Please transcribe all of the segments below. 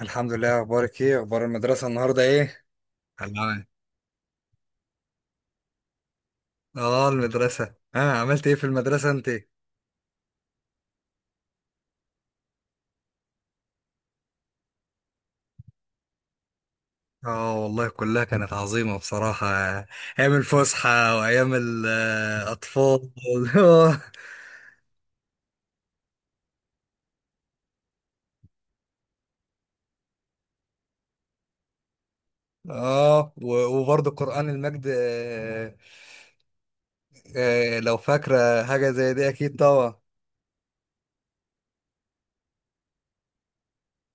الحمد لله، اخبارك ايه؟ اخبار المدرسه النهارده ايه العمل؟ اه المدرسه، عملت ايه في المدرسه انت؟ اه والله كلها كانت عظيمه بصراحه. ايام الفسحه وايام الاطفال. اه، و- وبرضه قران المجد. لو فاكره حاجه زي دي اكيد طبعا.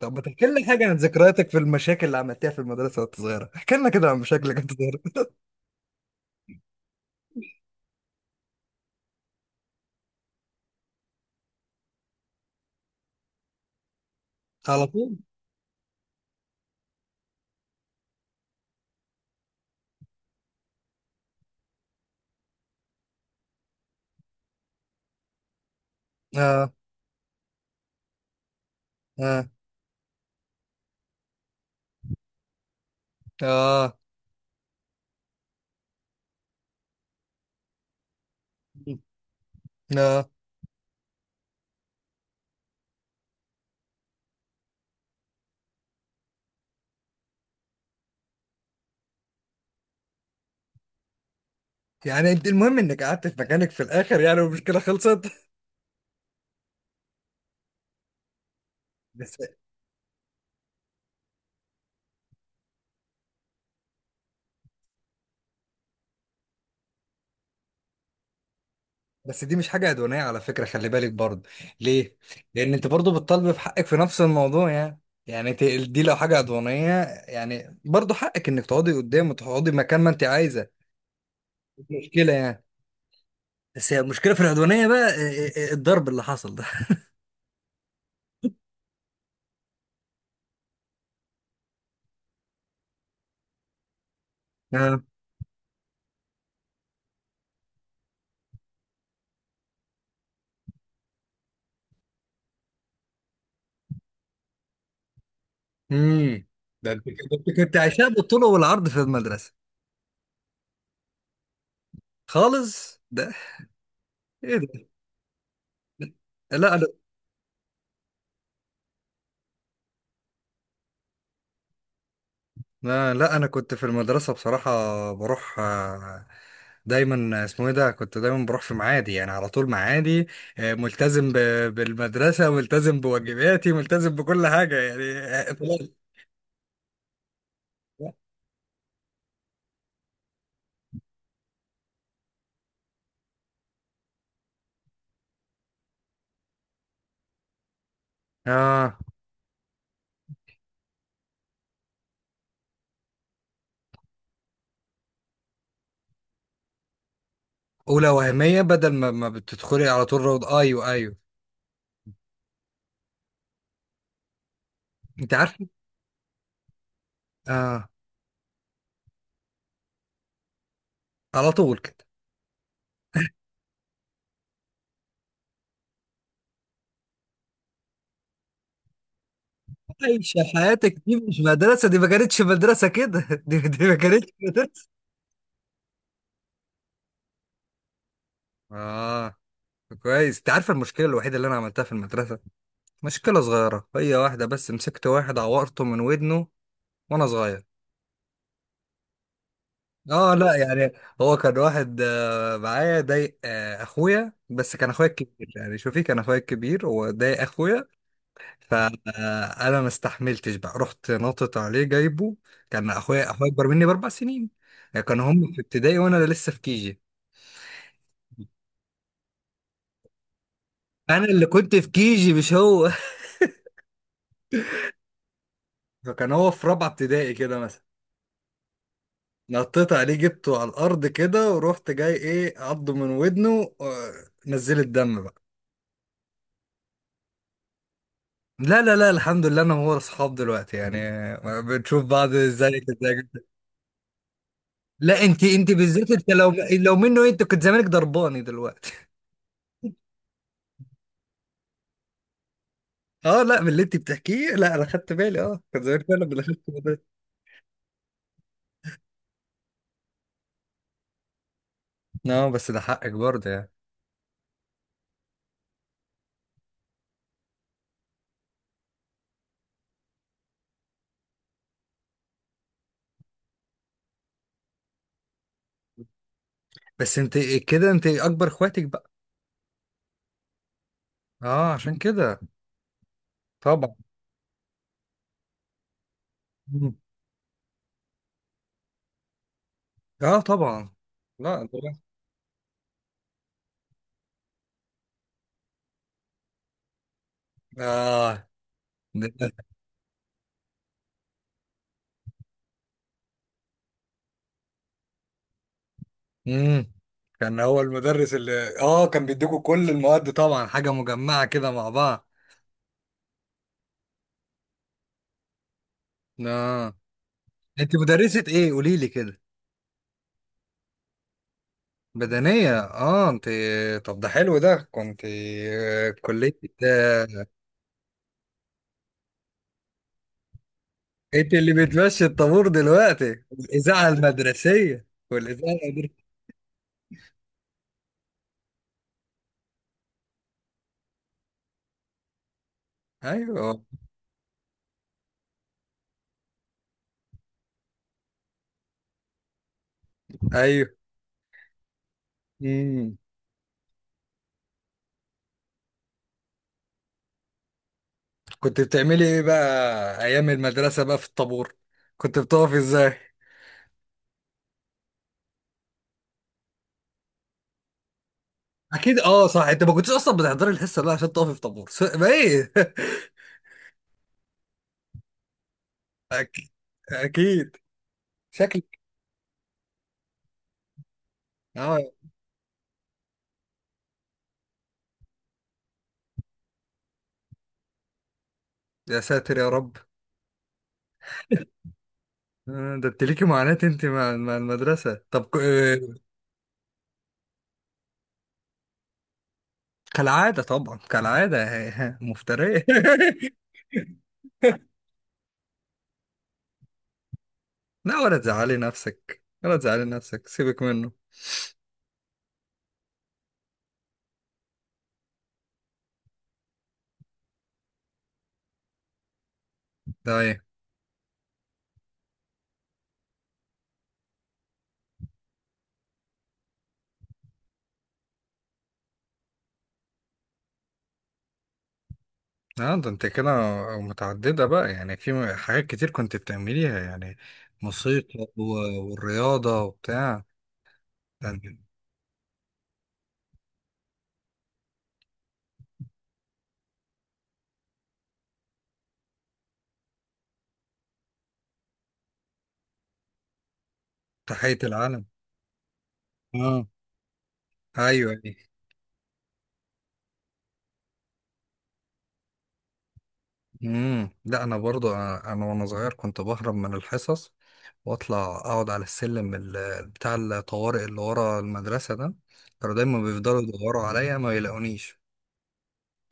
طب ما تحكي لنا حاجه عن ذكرياتك في المشاكل اللي عملتها في المدرسه وانت صغيره، احكي لنا كده عن مشاكلك وانت صغيره. على طول. اه، اه، اه، اه. يعني انت المهم انك قعدت في مكانك في الاخر يعني، والمشكله خلصت. بس. دي مش حاجه عدوانيه على فكره، خلي بالك برضه. ليه؟ لان انت برضه بتطالب بحقك في نفس الموضوع يعني. يعني انت دي لو حاجه عدوانيه، يعني برضه حقك انك تقعدي قدام وتقعدي مكان ما انت عايزه. مش مشكله يعني. بس هي المشكله في العدوانيه بقى، اه، اه، اه، الضرب اللي حصل ده. اه. امم. ده انت، ده انت كنت عايشاه بالطول والعرض في المدرسه خالص ده. ايه ده؟ لا لا، لا انا كنت في المدرسه بصراحه بروح. دايما اسمه ايه ده، كنت دايما بروح في معادي يعني، على طول معادي. ملتزم ب- بالمدرسه، ملتزم بواجباتي، ملتزم بكل حاجه يعني. آه، طلعت- اه. اولى وهميه بدل ما بتدخلي على طول روض. ايوه ايوه. انت عارف. اه. على طول كده. عايشة حياتك دي، مش مدرسة دي، ما كانتش مدرسة كده. دي ما كانتش مدرسة. اه. كويس. انت عارف المشكله الوحيده اللي انا عملتها في المدرسه؟ مشكلة صغيرة هي، واحدة بس، مسكت واحد عورته من ودنه وأنا صغير. اه لا يعني، هو كان واحد معايا ضايق اخويا، بس كان اخويا الكبير يعني، شوفي، كان اخويا الكبير وضايق اخويا، فانا ما استحملتش بقى، رحت نطت عليه جايبه. كان اخويا، اكبر مني باربع سنين، يعني كان هم في ابتدائي وانا لسه في كيجي. انا اللي كنت في كيجي مش هو. فكان هو في رابعه ابتدائي كده مثلا، نطيت عليه جبته على الارض كده ورحت جاي ايه عضه من ودنه. نزل الدم بقى. لا لا لا، الحمد لله انا وهو اصحاب دلوقتي يعني، بنشوف بعض ازاي كده. لا انت بالذات انت لو، لو منه انت كنت زمانك ضرباني دلوقتي. اه لا، من اللي انت بتحكيه، لا انا خدت بالي، اه كان زمان فعلا من اللي خدت بالي. اه بس ده حقك برضه يعني. بس انت كده انت اكبر اخواتك بقى. اه عشان كده، طبعا. مم. اه طبعا. لا ده- اه. امم. كان هو المدرس اللي اه كان بيديكوا كل المواد طبعا، حاجة مجمعة كده مع بعض. اه. انت مدرسة ايه قولي لي كده؟ بدنية، اه انت. طب ده حلو ده، كنت كلية. آه. انت اللي بتمشي الطابور دلوقتي، الإذاعة المدرسية والإذاعة المدرسية. ايوه ايوه. امم. كنت بتعملي ايه بقى ايام المدرسة بقى في الطابور؟ كنت بتقف ازاي؟ اكيد. اه صح، انت ما كنتش اصلا بتحضري الحصه دي عشان تقفي في طابور، س- ما ايه اكيد اكيد. شكلك. اه. يا ساتر يا رب. ده انت ليكي معاناة انت مع المدرسة. طب ك- آه، كالعادة طبعا، كالعادة. ها- ها، مفترية. لا ولا تزعلي نفسك، سيبك منه. ده ايه؟ اه. ده انت كده متعددة بقى يعني، حاجات كتير كنت بتعمليها يعني، موسيقى و- والرياضة وبتاع. ده أنت. تحية العالم. آه. ايوه دي. امم. لا انا برضو، أنا وانا صغير كنت بهرب من الحصص واطلع اقعد على السلم بتاع الطوارئ اللي ورا المدرسه ده، كانوا دايما بيفضلوا يدوروا عليا ما يلاقونيش.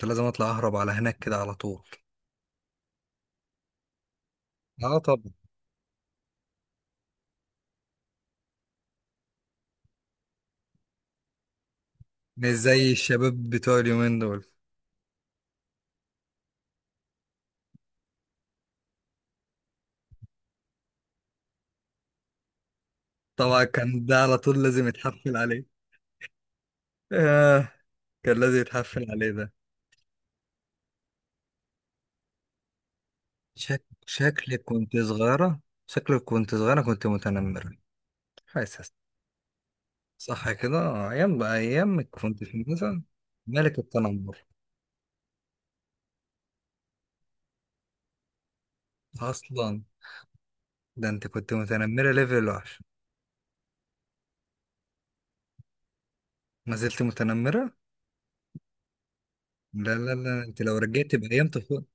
كنت لازم اطلع اهرب على هناك كده على طول. اه طبعا. مش زي الشباب بتوع اليومين دول. طبعا كان ده على طول لازم يتحفل عليه. آه. كان لازم يتحفل عليه ده. شكلك كنت صغيره، شكلك كنت صغيره كنت متنمره. حاسس. صح كده. ايام بقى، ايام ما كنت في مثلا ملك التنمر اصلا. ده انت كنت متنمره ليفل وحش. ما زلت متنمره. لا لا لا، انت لو رجعت بايام طفولتك،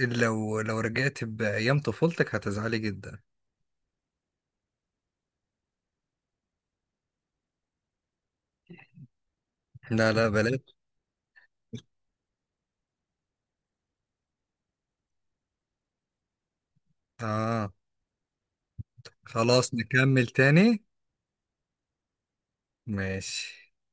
لو، لو رجعت بايام طفولتك هتزعلي جدا. لا لا بلاش. اه. خلاص نكمل تاني. ماشي